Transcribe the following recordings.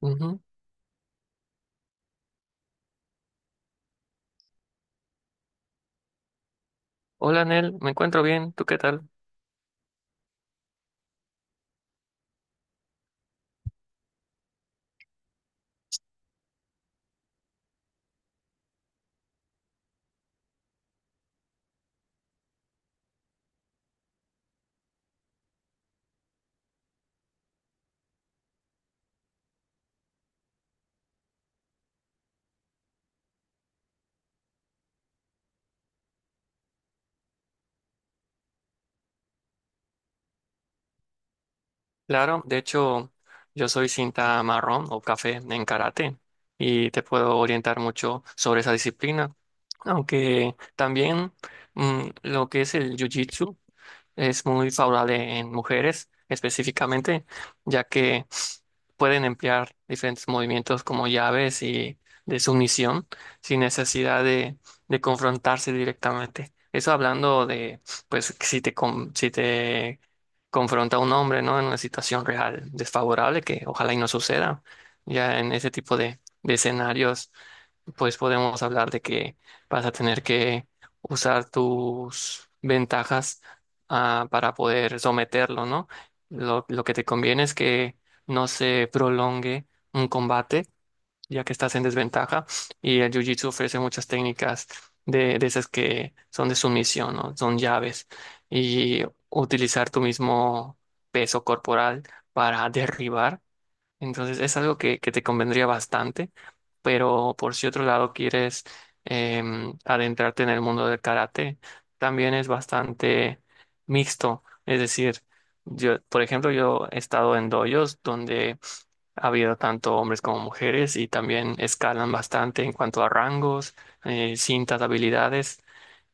Ujú. Hola, Nel, me encuentro bien. ¿Tú qué tal? Claro, de hecho, yo soy cinta marrón o café en karate y te puedo orientar mucho sobre esa disciplina. Aunque también lo que es el jiu-jitsu es muy favorable en mujeres específicamente, ya que pueden emplear diferentes movimientos como llaves y de sumisión sin necesidad de confrontarse directamente. Eso hablando de, pues, si te confronta un hombre, ¿no? En una situación real desfavorable, que ojalá y no suceda. Ya en ese tipo de escenarios, pues podemos hablar de que vas a tener que usar tus ventajas para poder someterlo, ¿no? Lo que te conviene es que no se prolongue un combate, ya que estás en desventaja. Y el Jiu-Jitsu ofrece muchas técnicas de esas que son de sumisión, ¿no? Son llaves. Y utilizar tu mismo peso corporal para derribar. Entonces es algo que te convendría bastante, pero por si otro lado quieres adentrarte en el mundo del karate, también es bastante mixto. Es decir, yo, por ejemplo, yo he estado en dojos donde ha habido tanto hombres como mujeres y también escalan bastante en cuanto a rangos, cintas, habilidades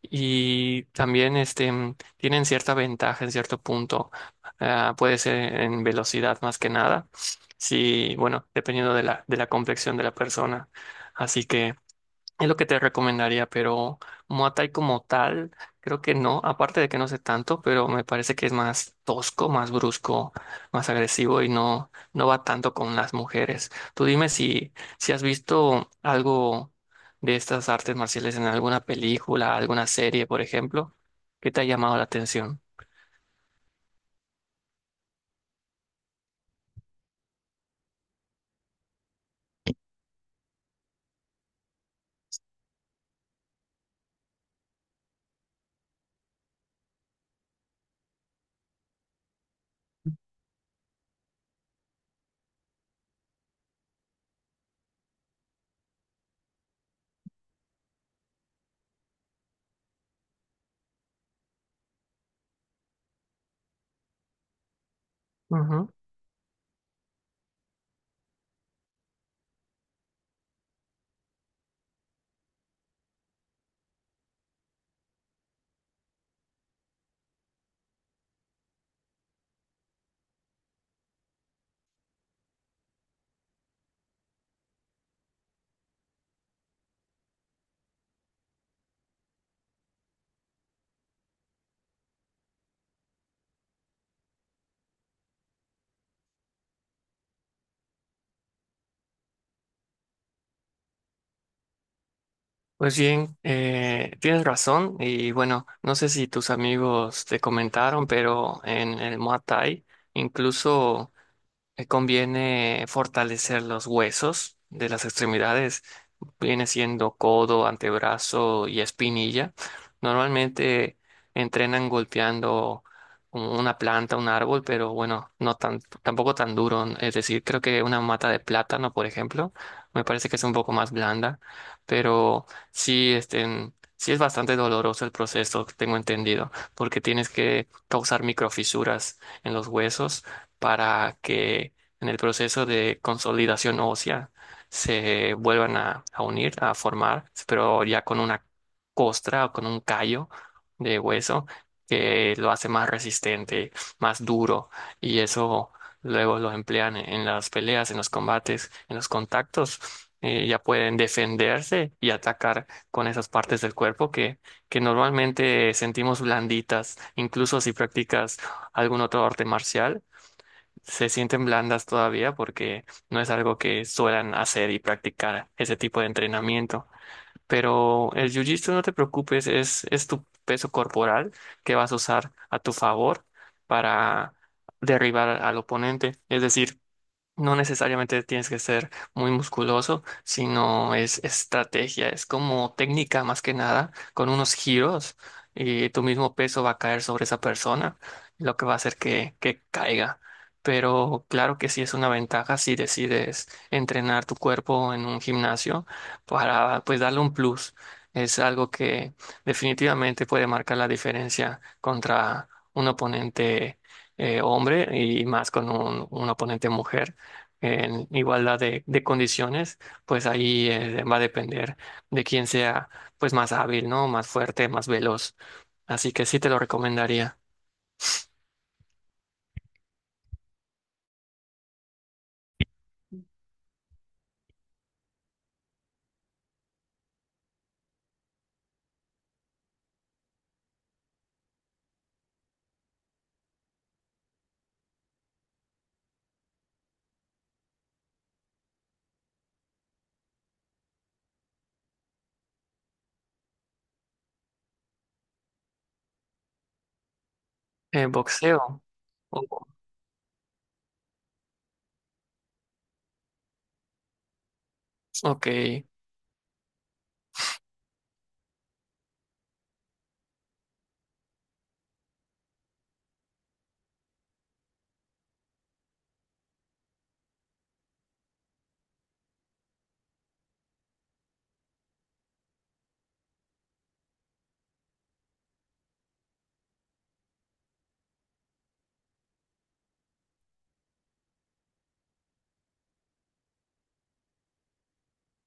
y también tienen cierta ventaja en cierto punto. Ah, puede ser en velocidad más que nada. Si bueno, dependiendo de la complexión de la persona. Así que es lo que te recomendaría, pero Muay Thai como tal, creo que no, aparte de que no sé tanto, pero me parece que es más tosco, más brusco, más agresivo y no, no va tanto con las mujeres. Tú dime si, si has visto algo de estas artes marciales en alguna película, alguna serie, por ejemplo, que te ha llamado la atención. Ujú. Pues bien, tienes razón y bueno, no sé si tus amigos te comentaron, pero en el Muay Thai incluso conviene fortalecer los huesos de las extremidades, viene siendo codo, antebrazo y espinilla. Normalmente entrenan golpeando una planta, un árbol, pero bueno, tampoco tan duro, ¿no? Es decir, creo que una mata de plátano, por ejemplo, me parece que es un poco más blanda, pero sí, este, sí es bastante doloroso el proceso, tengo entendido, porque tienes que causar microfisuras en los huesos para que en el proceso de consolidación ósea se vuelvan a unir, a formar, pero ya con una costra o con un callo de hueso que lo hace más resistente, más duro y eso luego lo emplean en las peleas, en los combates, en los contactos. Eh, ya pueden defenderse y atacar con esas partes del cuerpo que normalmente sentimos blanditas, incluso si practicas algún otro arte marcial se sienten blandas todavía porque no es algo que suelan hacer y practicar ese tipo de entrenamiento. Pero el jiu-jitsu, no te preocupes, es tu peso corporal que vas a usar a tu favor para derribar al oponente. Es decir, no necesariamente tienes que ser muy musculoso, sino es estrategia, es como técnica más que nada, con unos giros y tu mismo peso va a caer sobre esa persona, lo que va a hacer que caiga. Pero claro que sí es una ventaja si decides entrenar tu cuerpo en un gimnasio para pues darle un plus. Es algo que definitivamente puede marcar la diferencia contra un oponente hombre y más con un oponente mujer en igualdad de condiciones, pues ahí va a depender de quién sea pues más hábil, ¿no? Más fuerte, más veloz. Así que sí te lo recomendaría. Boxeo. Oh, ok.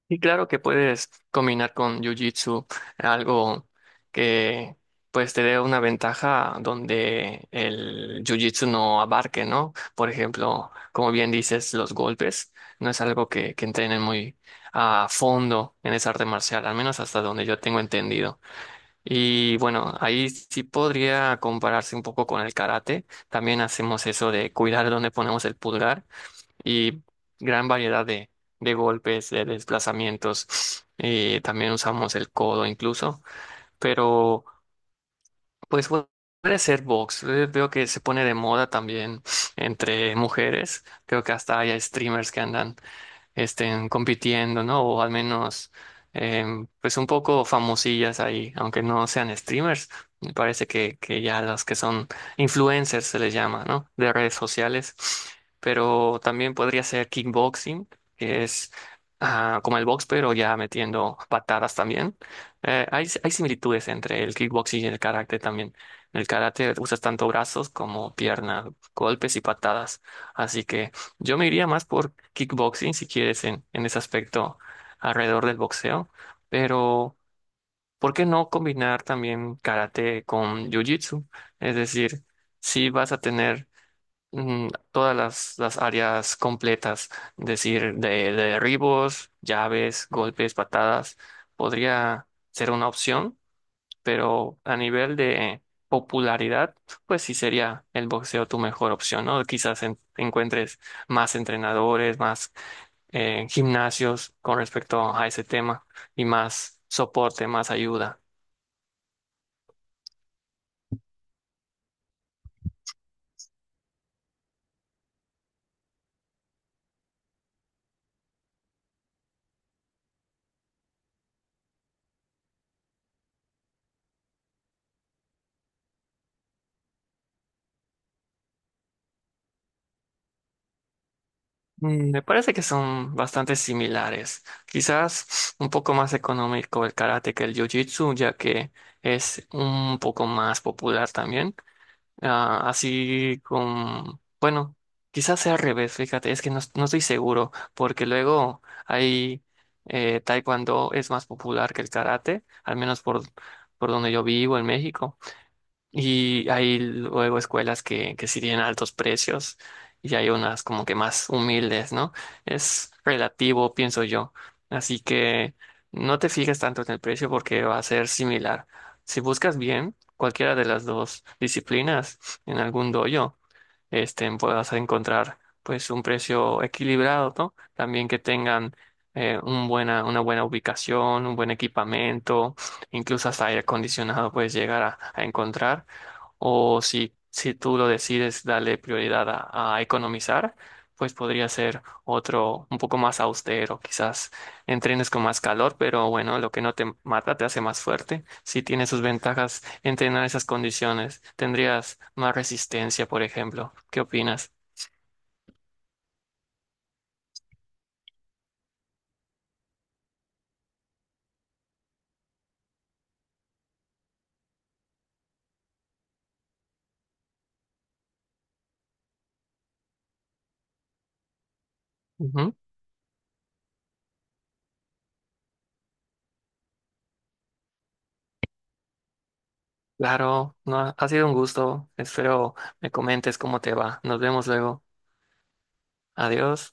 Y claro que puedes combinar con Jiu-Jitsu algo que pues te dé una ventaja donde el Jiu-Jitsu no abarque, ¿no? Por ejemplo, como bien dices, los golpes no es algo que entrenen muy a fondo en esa arte marcial, al menos hasta donde yo tengo entendido. Y bueno, ahí sí podría compararse un poco con el karate. También hacemos eso de cuidar dónde ponemos el pulgar y gran variedad de golpes, de desplazamientos. También usamos el codo incluso, pero pues pu- puede ser box. Veo que se pone de moda también entre mujeres. Creo que hasta hay streamers que andan estén compitiendo, ¿no? O al menos, pues un poco famosillas ahí, aunque no sean streamers. Me parece que ya las que son influencers se les llama, ¿no? De redes sociales. Pero también podría ser kickboxing, que es como el box, pero ya metiendo patadas también. Hay similitudes entre el kickboxing y el karate también. En el karate usas tanto brazos como piernas, golpes y patadas. Así que yo me iría más por kickboxing, si quieres, en ese aspecto alrededor del boxeo, pero ¿por qué no combinar también karate con jiu-jitsu? Es decir, si vas a tener todas las áreas completas, es decir, de derribos, llaves, golpes, patadas, podría ser una opción pero a nivel de popularidad, pues sí sería el boxeo tu mejor opción, ¿no? Quizás encuentres más entrenadores, más gimnasios con respecto a ese tema y más soporte, más ayuda. Mm, me parece que son bastante similares. Quizás un poco más económico el karate que el jiu-jitsu, ya que es un poco más popular también. Ah, así con, bueno, quizás sea al revés, fíjate, es que no, no estoy seguro, porque luego hay taekwondo es más popular que el karate, al menos por donde yo vivo en México. Y hay luego escuelas que sí tienen altos precios y hay unas como que más humildes, ¿no? Es relativo, pienso yo. Así que no te fijes tanto en el precio porque va a ser similar. Si buscas bien cualquiera de las dos disciplinas en algún dojo, este, puedas encontrar pues un precio equilibrado, ¿no? También que tengan un una buena ubicación, un buen equipamiento, incluso hasta aire acondicionado puedes llegar a encontrar o si, si tú lo decides darle prioridad a economizar, pues podría ser otro un poco más austero. Quizás entrenes con más calor, pero bueno, lo que no te mata te hace más fuerte. Si tiene sus ventajas entrenar esas condiciones. Tendrías más resistencia, por ejemplo. ¿Qué opinas? Ujú. Claro, no, ha sido un gusto. Espero me comentes cómo te va. Nos vemos luego. Adiós.